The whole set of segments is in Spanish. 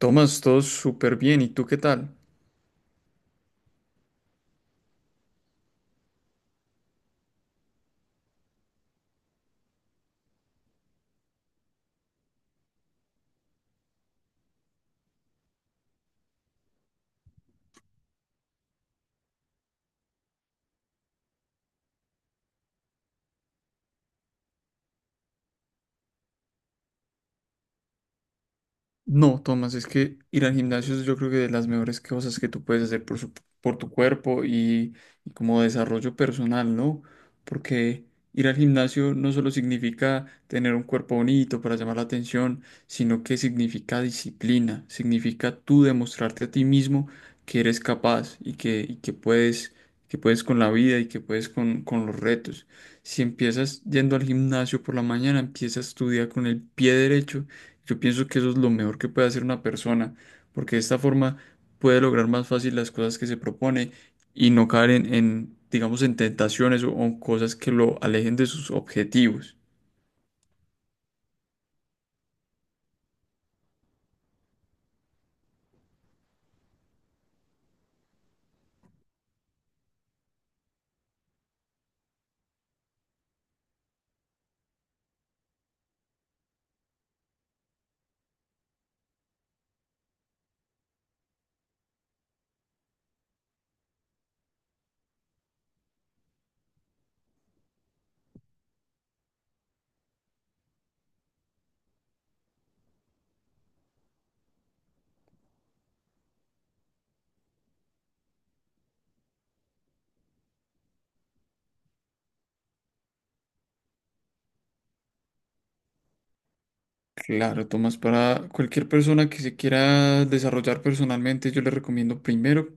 Tomás, todo súper bien. ¿Y tú qué tal? No, Tomás, es que ir al gimnasio es yo creo que de las mejores cosas que tú puedes hacer por, por tu cuerpo y como desarrollo personal, ¿no? Porque ir al gimnasio no solo significa tener un cuerpo bonito para llamar la atención, sino que significa disciplina, significa tú demostrarte a ti mismo que eres capaz y que, que puedes con la vida y que puedes con los retos. Si empiezas yendo al gimnasio por la mañana, empiezas tu día con el pie derecho. Yo pienso que eso es lo mejor que puede hacer una persona, porque de esta forma puede lograr más fácil las cosas que se propone y no caer en, digamos, en tentaciones o cosas que lo alejen de sus objetivos. Claro, Tomás, para cualquier persona que se quiera desarrollar personalmente, yo le recomiendo primero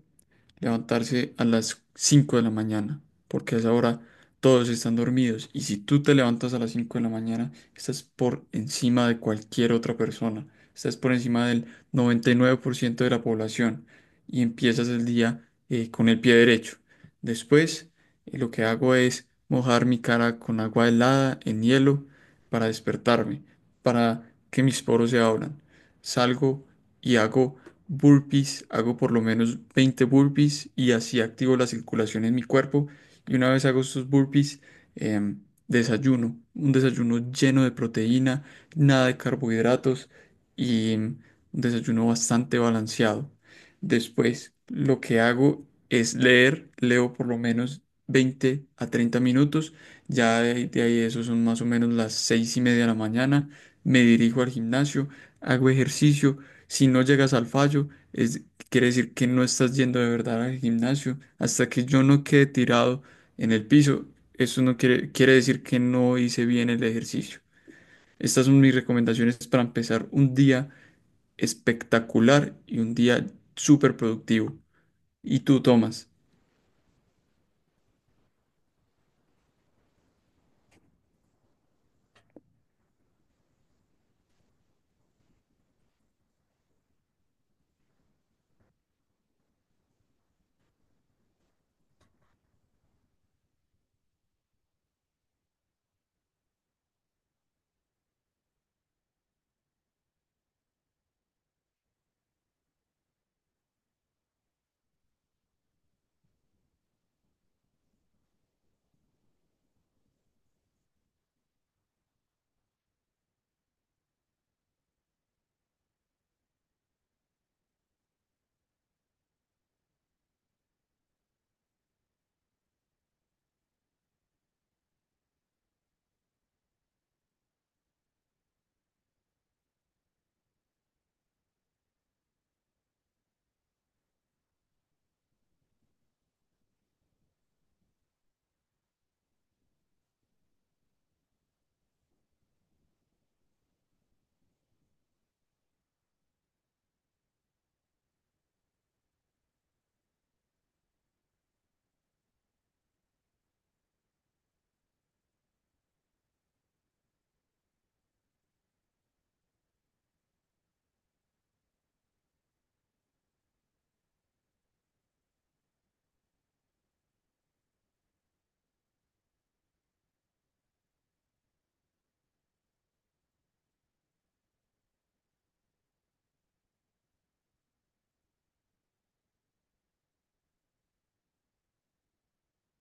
levantarse a las 5 de la mañana, porque a esa hora todos están dormidos y si tú te levantas a las 5 de la mañana, estás por encima de cualquier otra persona, estás por encima del 99% de la población y empiezas el día con el pie derecho. Después, lo que hago es mojar mi cara con agua helada en hielo para despertarme, para que mis poros se abran. Salgo y hago burpees, hago por lo menos 20 burpees y así activo la circulación en mi cuerpo. Y una vez hago estos burpees, em, desayuno, un desayuno lleno de proteína, nada de carbohidratos y un desayuno bastante balanceado. Después, lo que hago es leer, leo por lo menos 20 a 30 minutos. Ya de ahí eso son más o menos las 6:30 de la mañana. Me dirijo al gimnasio, hago ejercicio si no llegas al fallo, quiere decir que no estás yendo de verdad al gimnasio. Hasta que yo no quede tirado en el piso, eso no quiere decir que no hice bien el ejercicio. Estas son mis recomendaciones para empezar un día espectacular y un día súper productivo. ¿Y tú, Tomás?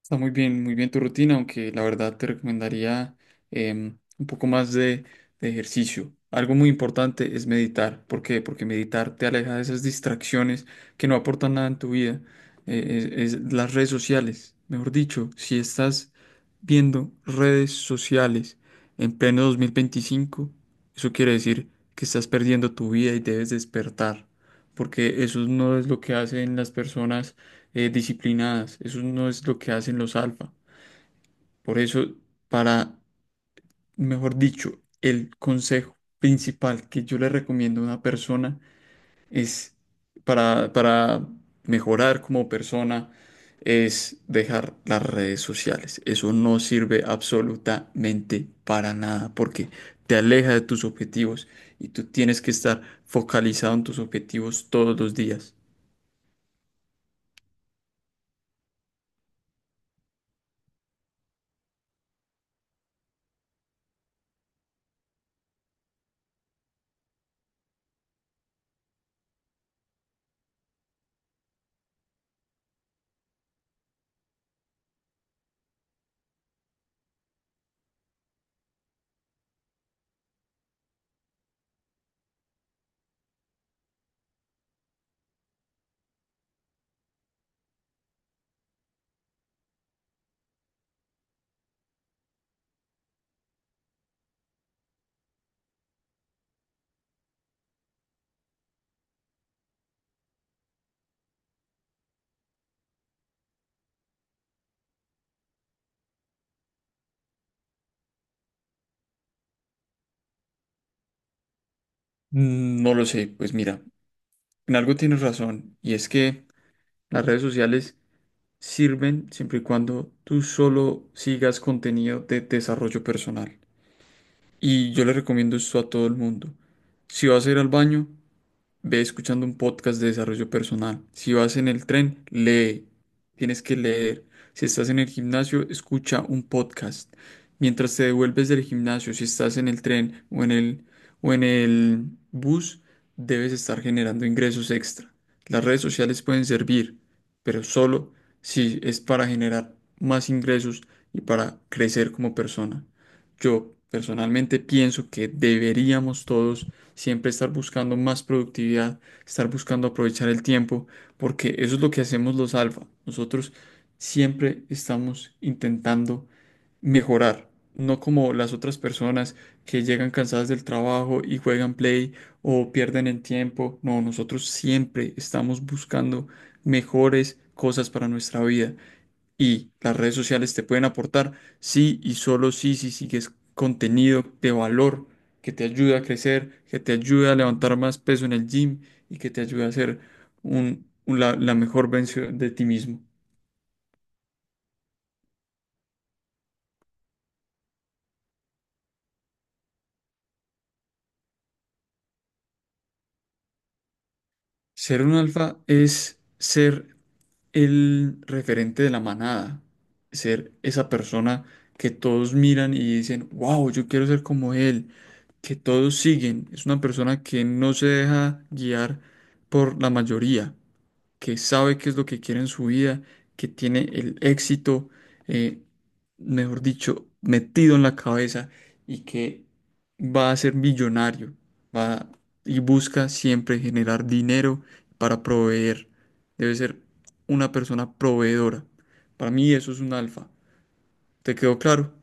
Está muy bien tu rutina, aunque la verdad te recomendaría un poco más de ejercicio. Algo muy importante es meditar. ¿Por qué? Porque meditar te aleja de esas distracciones que no aportan nada en tu vida. Es las redes sociales. Mejor dicho, si estás viendo redes sociales en pleno 2025, eso quiere decir que estás perdiendo tu vida y debes despertar. Porque eso no es lo que hacen las personas disciplinadas. Eso no es lo que hacen los alfa. Por eso, para, mejor dicho, el consejo principal que yo le recomiendo a una persona es para mejorar como persona es dejar las redes sociales. Eso no sirve absolutamente para nada porque te aleja de tus objetivos y tú tienes que estar focalizado en tus objetivos todos los días. No lo sé, pues mira, en algo tienes razón y es que las redes sociales sirven siempre y cuando tú solo sigas contenido de desarrollo personal. Y yo le recomiendo esto a todo el mundo. Si vas a ir al baño, ve escuchando un podcast de desarrollo personal. Si vas en el tren, lee. Tienes que leer. Si estás en el gimnasio, escucha un podcast. Mientras te devuelves del gimnasio, si estás en el tren o en el bus, debes estar generando ingresos extra. Las redes sociales pueden servir, pero solo si es para generar más ingresos y para crecer como persona. Yo personalmente pienso que deberíamos todos siempre estar buscando más productividad, estar buscando aprovechar el tiempo, porque eso es lo que hacemos los alfa. Nosotros siempre estamos intentando mejorar, no como las otras personas que llegan cansadas del trabajo y juegan play o pierden el tiempo. No, nosotros siempre estamos buscando mejores cosas para nuestra vida. Y las redes sociales te pueden aportar sí y solo sí si sigues contenido de valor que te ayuda a crecer, que te ayuda a levantar más peso en el gym y que te ayuda a ser la mejor versión de ti mismo. Ser un alfa es ser el referente de la manada, ser esa persona que todos miran y dicen, wow, yo quiero ser como él, que todos siguen. Es una persona que no se deja guiar por la mayoría, que sabe qué es lo que quiere en su vida, que tiene el éxito, eh, mejor dicho, metido en la cabeza y que va a ser millonario, va y busca siempre generar dinero para proveer. Debe ser una persona proveedora. Para mí eso es un alfa. ¿Te quedó claro?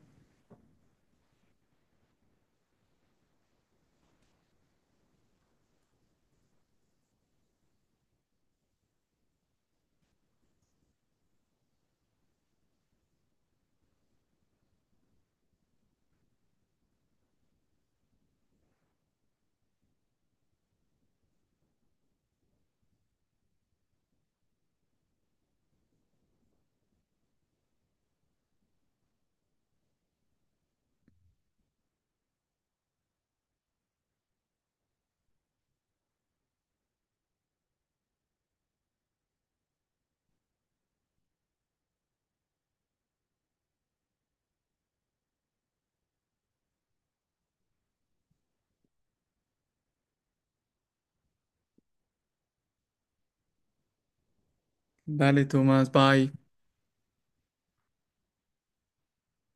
Dale, Tomás, bye.